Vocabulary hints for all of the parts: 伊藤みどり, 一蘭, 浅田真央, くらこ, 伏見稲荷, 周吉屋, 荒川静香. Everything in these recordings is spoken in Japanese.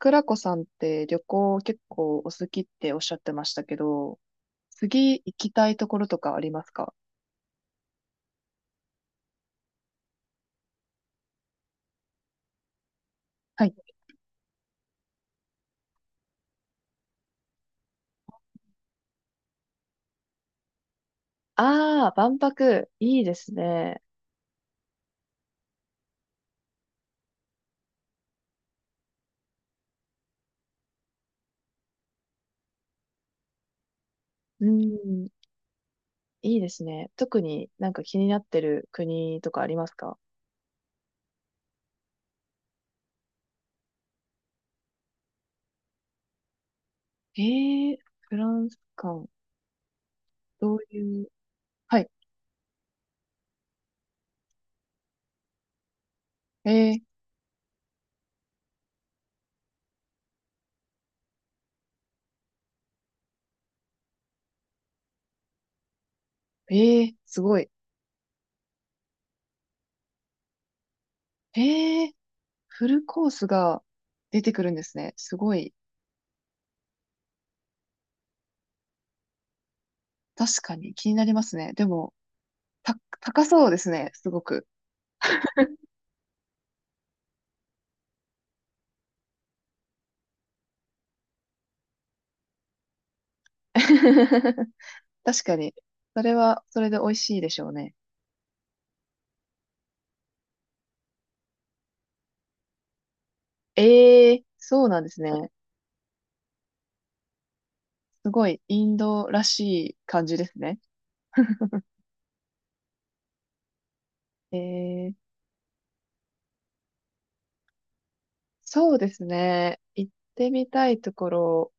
くらこさんって旅行結構お好きっておっしゃってましたけど、次行きたいところとかありますか？はい。ああ、万博、いいですね。うん、いいですね。特になんか気になってる国とかありますか？フランス館、どういう、はい。えー、えー、すごい。えー、フルコースが出てくるんですね。すごい。確かに気になりますね。でも、高そうですね。すごく。確かに。それは、それで美味しいでしょうね。ええ、そうなんですね。すごい、インドらしい感じですね。ええ、そうですね。行ってみたいところ、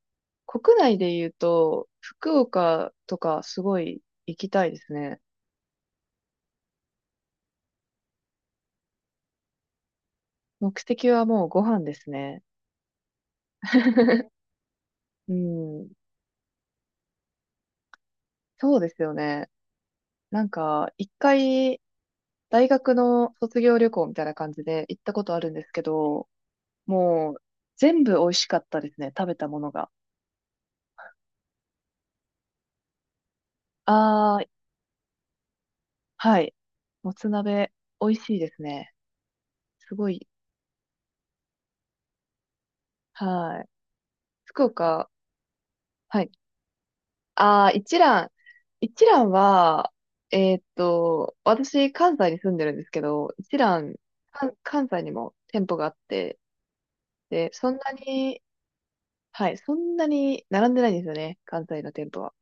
国内で言うと、福岡とかすごい行きたいですね。目的はもうご飯ですね。うん、そうですよね。なんか、一回、大学の卒業旅行みたいな感じで行ったことあるんですけど、もう、全部美味しかったですね。食べたものが。あー、はい。もつ鍋、美味しいですね。すごい。はい。福岡、はい。あー、一蘭。一蘭は、私、関西に住んでるんですけど、一蘭、関西にも店舗があって、で、そんなに、はい、そんなに並んでないんですよね。関西の店舗は。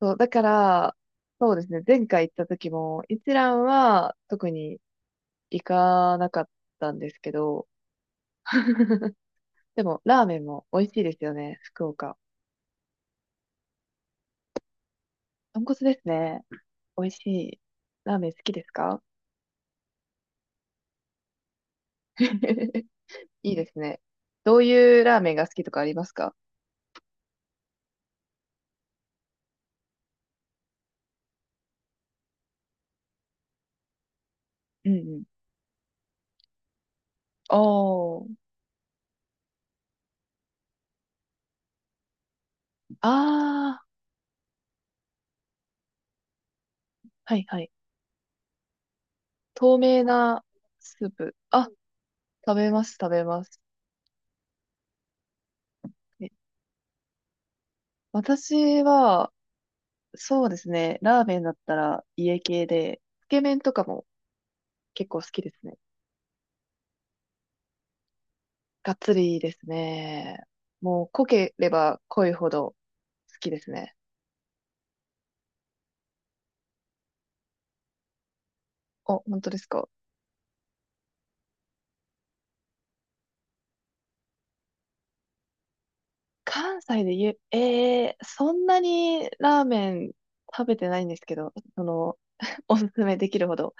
そう、だから、そうですね。前回行った時も、一蘭は特に行かなかったんですけど、でも、ラーメンも美味しいですよね、福岡。豚骨ですね。美味しい。ラーメン好きですか？ いいですね。どういうラーメンが好きとかありますか？うんうん。おー。あー、はいはい。透明なスープ。あ、食べます、食べます。え私は、そうですね、ラーメンだったら家系で、つけ麺とかも結構好きですね。がっつりですね。もう濃ければ濃いほど好きですね。お、本当ですか。関西で言え、えー、そんなにラーメン食べてないんですけど、その、おすすめできるほど。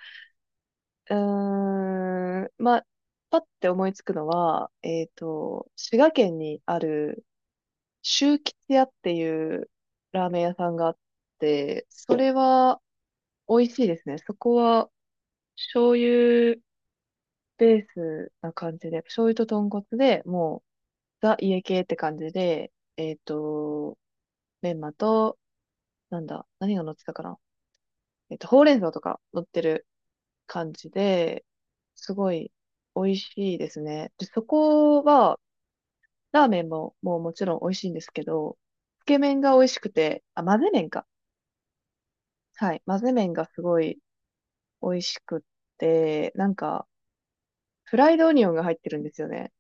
うーん、まあ、パッて思いつくのは、滋賀県にある、周吉屋っていうラーメン屋さんがあって、それは美味しいですね。そこは、醤油ベースな感じで、醤油と豚骨で、もう、ザ家系って感じで、えっと、メンマと、なんだ、何が乗ってたかな？ほうれん草とか乗ってる感じで、すごい美味しいですね。で、そこは、ラーメンも、もうもちろん美味しいんですけど、つけ麺が美味しくて、あ、混ぜ麺か。はい。混ぜ麺がすごい美味しくって、なんか、フライドオニオンが入ってるんですよね。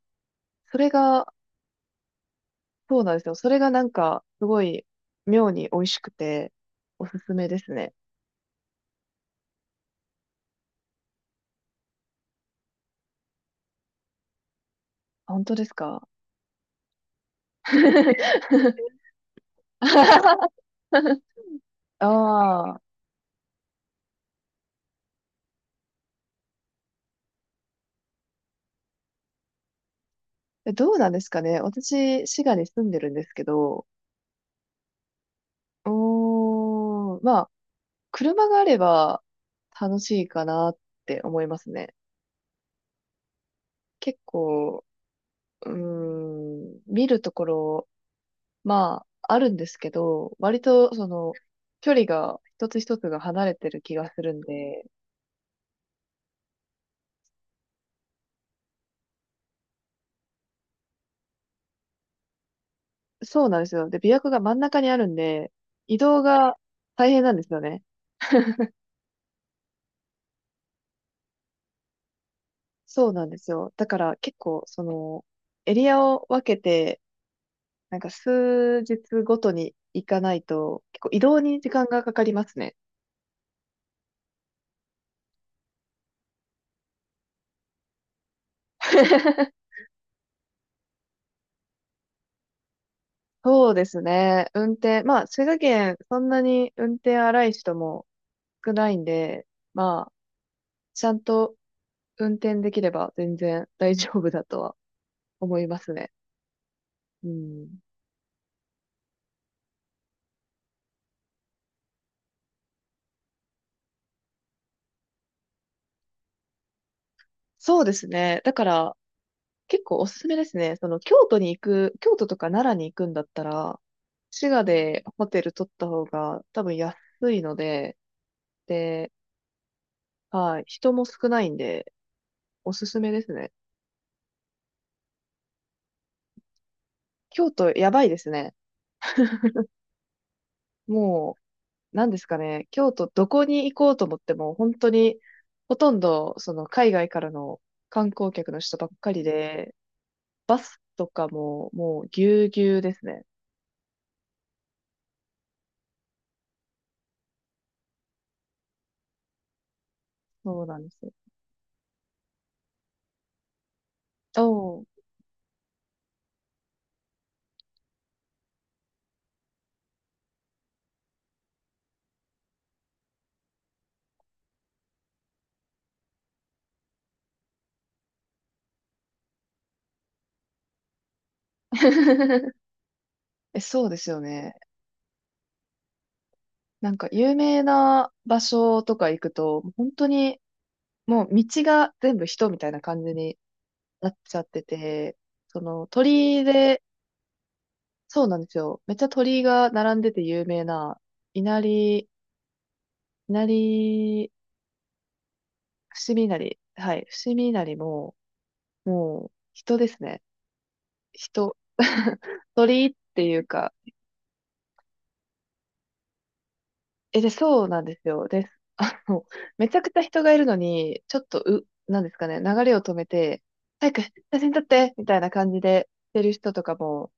それが、そうなんですよ。それがなんか、すごい、妙に美味しくて、おすすめですね。本当ですか？ ああ、どうなんですかね。私、滋賀に住んでるんですけど、うーん、まあ、車があれば楽しいかなって思いますね。結構、うーん、見るところ、まあ、あるんですけど、割と、その、距離が一つ一つが離れてる気がするんで、そうなんですよ。で、琵琶湖が真ん中にあるんで、移動が大変なんですよね。そうなんですよ。だから結構、その、エリアを分けて、なんか数日ごとに行かないと、結構移動に時間がかかりますね。そうですね。運転。まあ、滋賀県、そんなに運転荒い人も少ないんで、まあ、ちゃんと運転できれば全然大丈夫だとは思いますね。うん。そうですね。だから、結構おすすめですね。その、京都とか奈良に行くんだったら、滋賀でホテル取った方が多分安いので、で、はい、人も少ないんで、おすすめですね。京都やばいですね。もう、なんですかね、京都どこに行こうと思っても、本当に、ほとんど、その、海外からの観光客の人ばっかりで、とかも、もう、ぎゅうぎゅうですね。そうなんです。おー。 え、そうですよね。なんか有名な場所とか行くと、本当にもう道が全部人みたいな感じになっちゃってて、その鳥居で、そうなんですよ。めっちゃ鳥居が並んでて有名な、稲荷、稲荷、伏見稲荷、はい、伏見稲荷も、もう人ですね。人。鳥居っていうか、で、そうなんですよ。です。あの、めちゃくちゃ人がいるのに、ちょっと、なんですかね、流れを止めて、早く写真撮ってみたいな感じでしてる人とかも、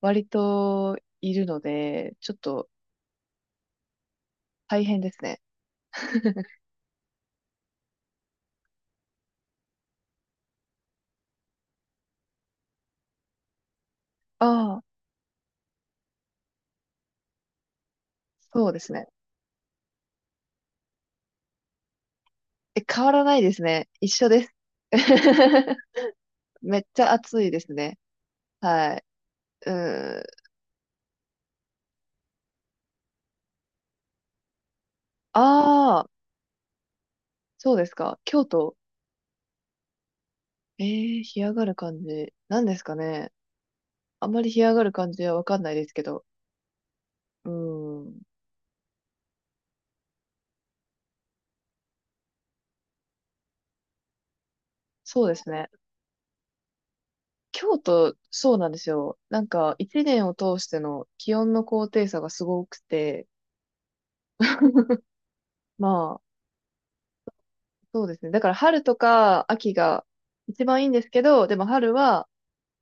割といるので、ちょっと大変ですね。ああ、そうですね。え、変わらないですね。一緒です。めっちゃ暑いですね。はい。うん。ああ、そうですか。京都。ええー、干上がる感じ。なんですかね。あんまり干上がる感じはわかんないですけど。うん。そうですね。京都、そうなんですよ。なんか、一年を通しての気温の高低差がすごくて、まあ、そうですね。だから春とか秋が一番いいんですけど、でも春は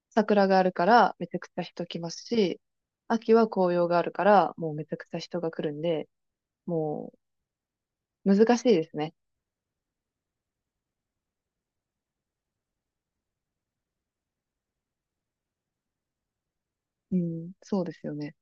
桜があるからめちゃくちゃ人来ますし、秋は紅葉があるからもうめちゃくちゃ人が来るんで、もう難しいですね。うん、そうですよね。